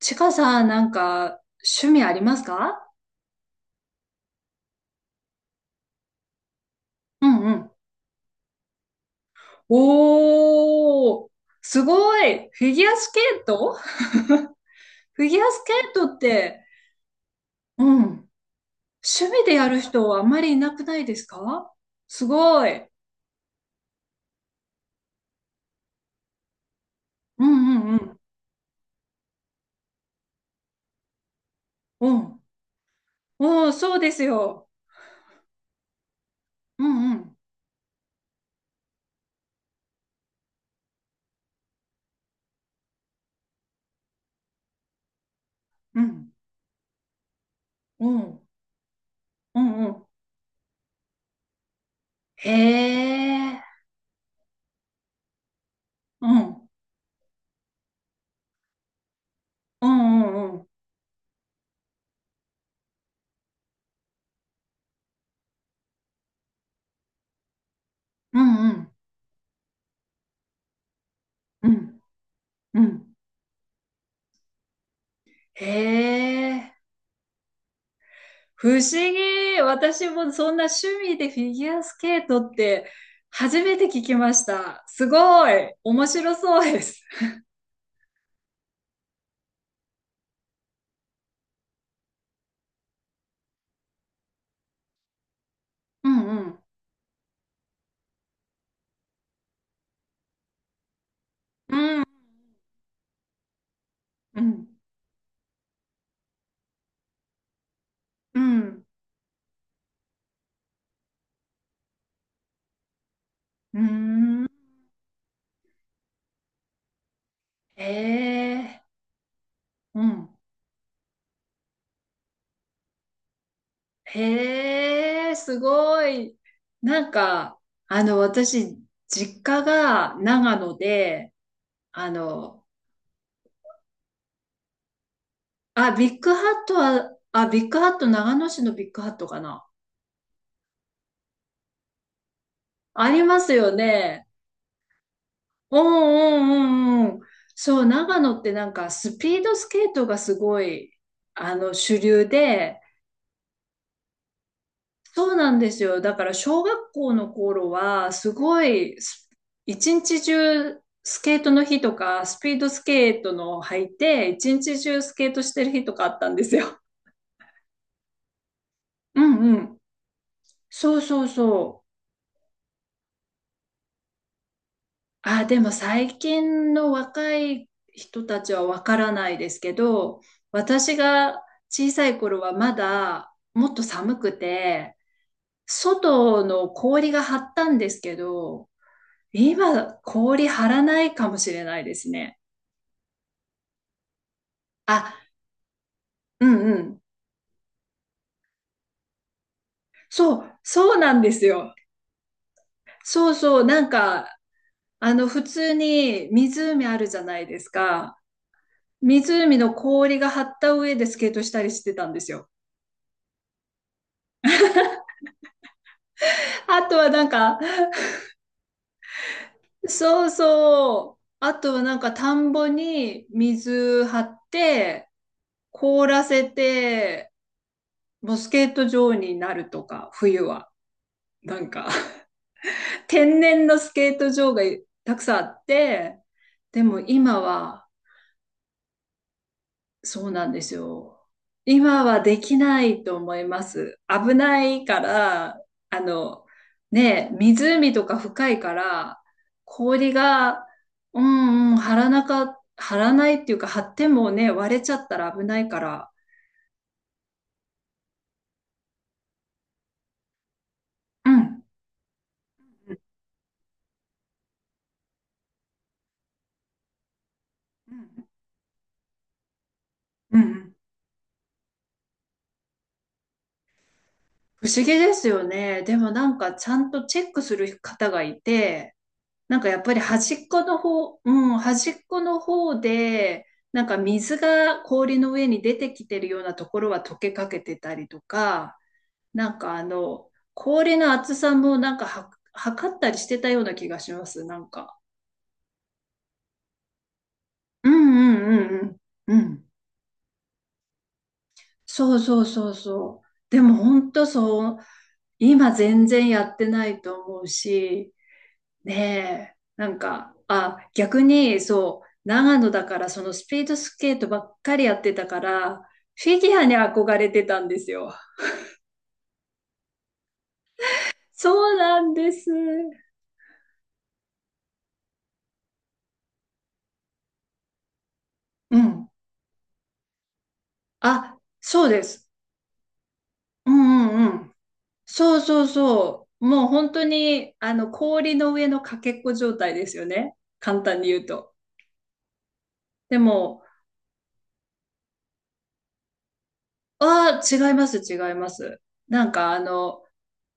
ちかさん、趣味ありますか？うんうん。おー、すごい。フィギュアスケート。フィギュアスケートって、うん。趣味でやる人はあんまりいなくないですか？すごい。うんうんうん。うん。おー、そうですよ。うんうんうん。うん。うんうん。へー。うん。うんうんうん。うんうん。うんうん。へー。不思議。私もそんな趣味でフィギュアスケートって初めて聞きました。すごい。面白そうです。うんうん。うん。うん。うん。うん。へえ。うん。へえ、すごい。なんか、私、実家が長野で、あの、あ、ビッグハットは、あ、ビッグハット、長野市のビッグハットかな。ありますよね。うんうんうんうん。そう、長野ってなんかスピードスケートがすごい、主流で、そうなんですよ。だから小学校の頃は、すごいス、す一日中スケートの日とか、スピードスケートの履いて、一日中スケートしてる日とかあったんですよ。うんうん。そうそうそう。あ、でも最近の若い人たちはわからないですけど、私が小さい頃はまだもっと寒くて、外の氷が張ったんですけど、今氷張らないかもしれないですね。あ、うんうん。そう、そうなんですよ。そうそう、普通に湖あるじゃないですか。湖の氷が張った上でスケートしたりしてたんですよ。あとはなんか、そうそう。あとはなんか田んぼに水張って、凍らせて、もうスケート場になるとか、冬は。なんか 天然のスケート場がたくさんあって、でも今はそうなんですよ。今はできないと思います。危ないから、あの、ねえ、湖とか深いから、氷が、うんうん、張らないっていうか、張ってもね、割れちゃったら危ないから、うん、うんうんうんうん。不思議ですよね。でもなんか、ちゃんとチェックする方がいて、なんかやっぱり端っこの方、うん、端っこの方で、なんか水が氷の上に出てきてるようなところは溶けかけてたりとか、なんかあの、氷の厚さもなんかは測ったりしてたような気がします、なんか。うんうんうんうん。うん。そうそうそうそう。でも本当そう、今全然やってないと思うし、ねえ、なんか、あ、逆に、そう、長野だから、そのスピードスケートばっかりやってたから、フィギュアに憧れてたんですよ。そうなんです。うん。あ、そうです。うんうんうん。そうそうそう。もう本当に、氷の上のかけっこ状態ですよね。簡単に言うと。でも、ああ、違います、違います。なんか、あの、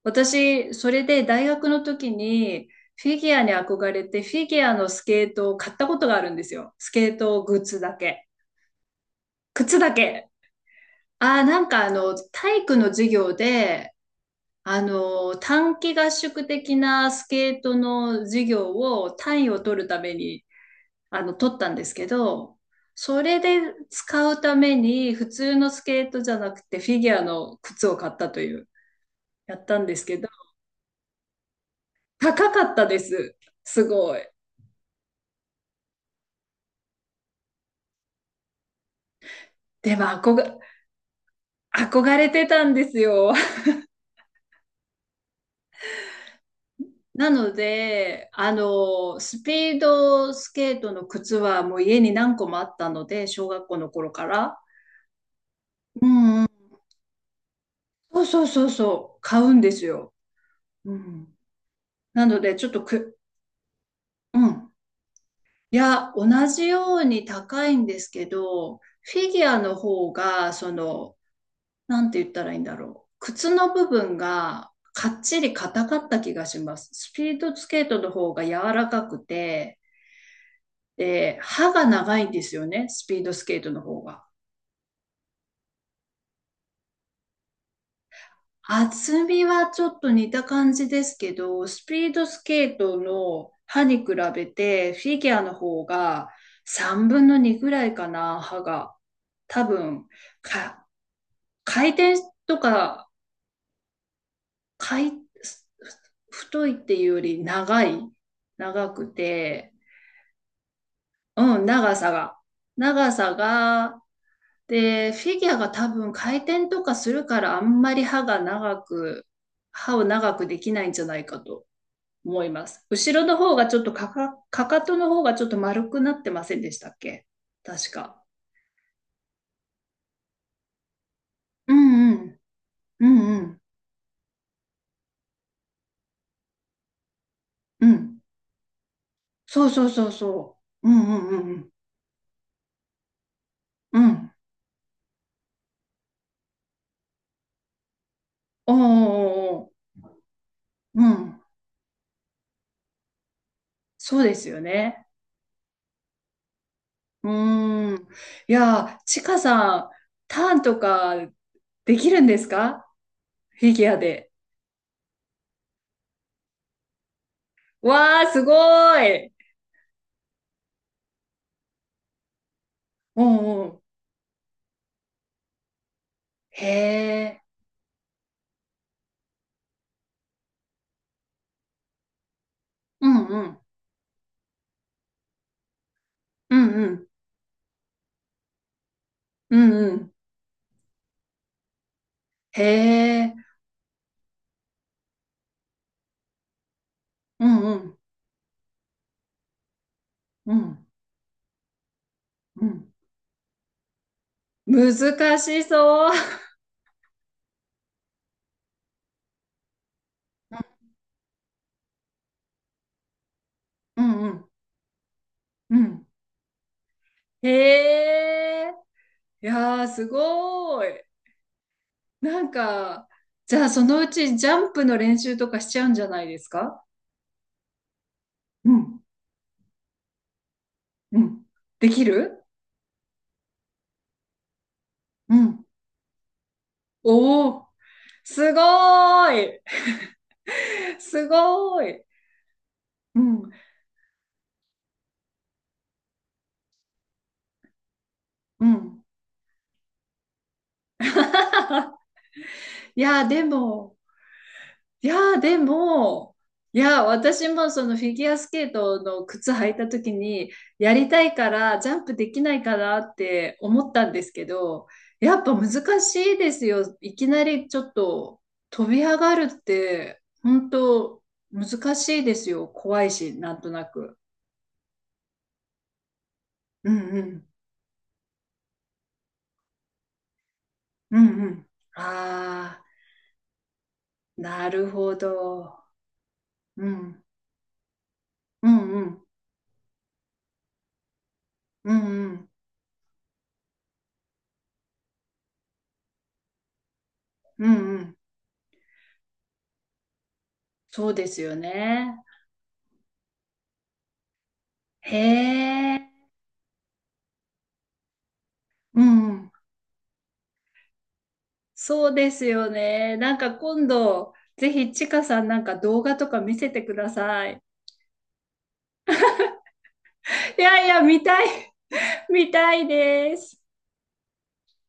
私、それで大学の時にフィギュアに憧れて、フィギュアのスケートを買ったことがあるんですよ。スケートグッズだけ。靴だけ。ああ、体育の授業で、短期合宿的なスケートの授業を単位を取るために、取ったんですけど、それで使うために普通のスケートじゃなくてフィギュアの靴を買ったという、やったんですけど、高かったです。すごい。でも憧れてたんですよ。なので、スピードスケートの靴はもう家に何個もあったので、小学校の頃から。そうそうそうそう、買うんですよ。うん。なので、ちょっとく、うん。いや、同じように高いんですけど、フィギュアの方が、その、なんて言ったらいいんだろう。靴の部分がかっちり硬かった気がします。スピードスケートの方が柔らかくて、で、歯が長いんですよね、スピードスケートの方が。厚みはちょっと似た感じですけど、スピードスケートの歯に比べて、フィギュアの方が3分の2ぐらいかな、歯が。多分、か、回転とか、回、太いっていうより長い、長くて、うん、長さが。長さが。で、フィギュアが多分回転とかするからあんまり歯が長く、歯を長くできないんじゃないかと思います。後ろの方がちょっとかかとの方がちょっと丸くなってませんでしたっけ？確か。うんうん。うんうん。うん。そうそうそうそう。うんうんうんうん。うん。おーおーおー。うん。そうですよね。うーん。いやー、ちかさん、ターンとかできるんですか？フィギュアで。わあ、すごい。うんうん。へえ。うんうん。うんうん。うんうん。へえ。うんうん。うん。うん。難しそう。うんうんうん。へえ。いやー、すごい。なんか、じゃあそのうちジャンプの練習とかしちゃうんじゃないですか？うん。うん。できる。うん。おお、すごーい。すごーい。うん。うん。いやー、でも、いやー、でも、いやー、私もそのフィギュアスケートの靴履いた時に、やりたいから、ジャンプできないかなって思ったんですけど、やっぱ難しいですよ。いきなりちょっと飛び上がるって、本当難しいですよ。怖いし、なんとなく。うんうん。うんうん。ああなるほど。うん。うんうん。うんうん。うんうん。そうですよね。へえ、うん。そうですよね。なんか今度、ぜひちかさんなんか動画とか見せてください。いやいや、見たい、見たいです。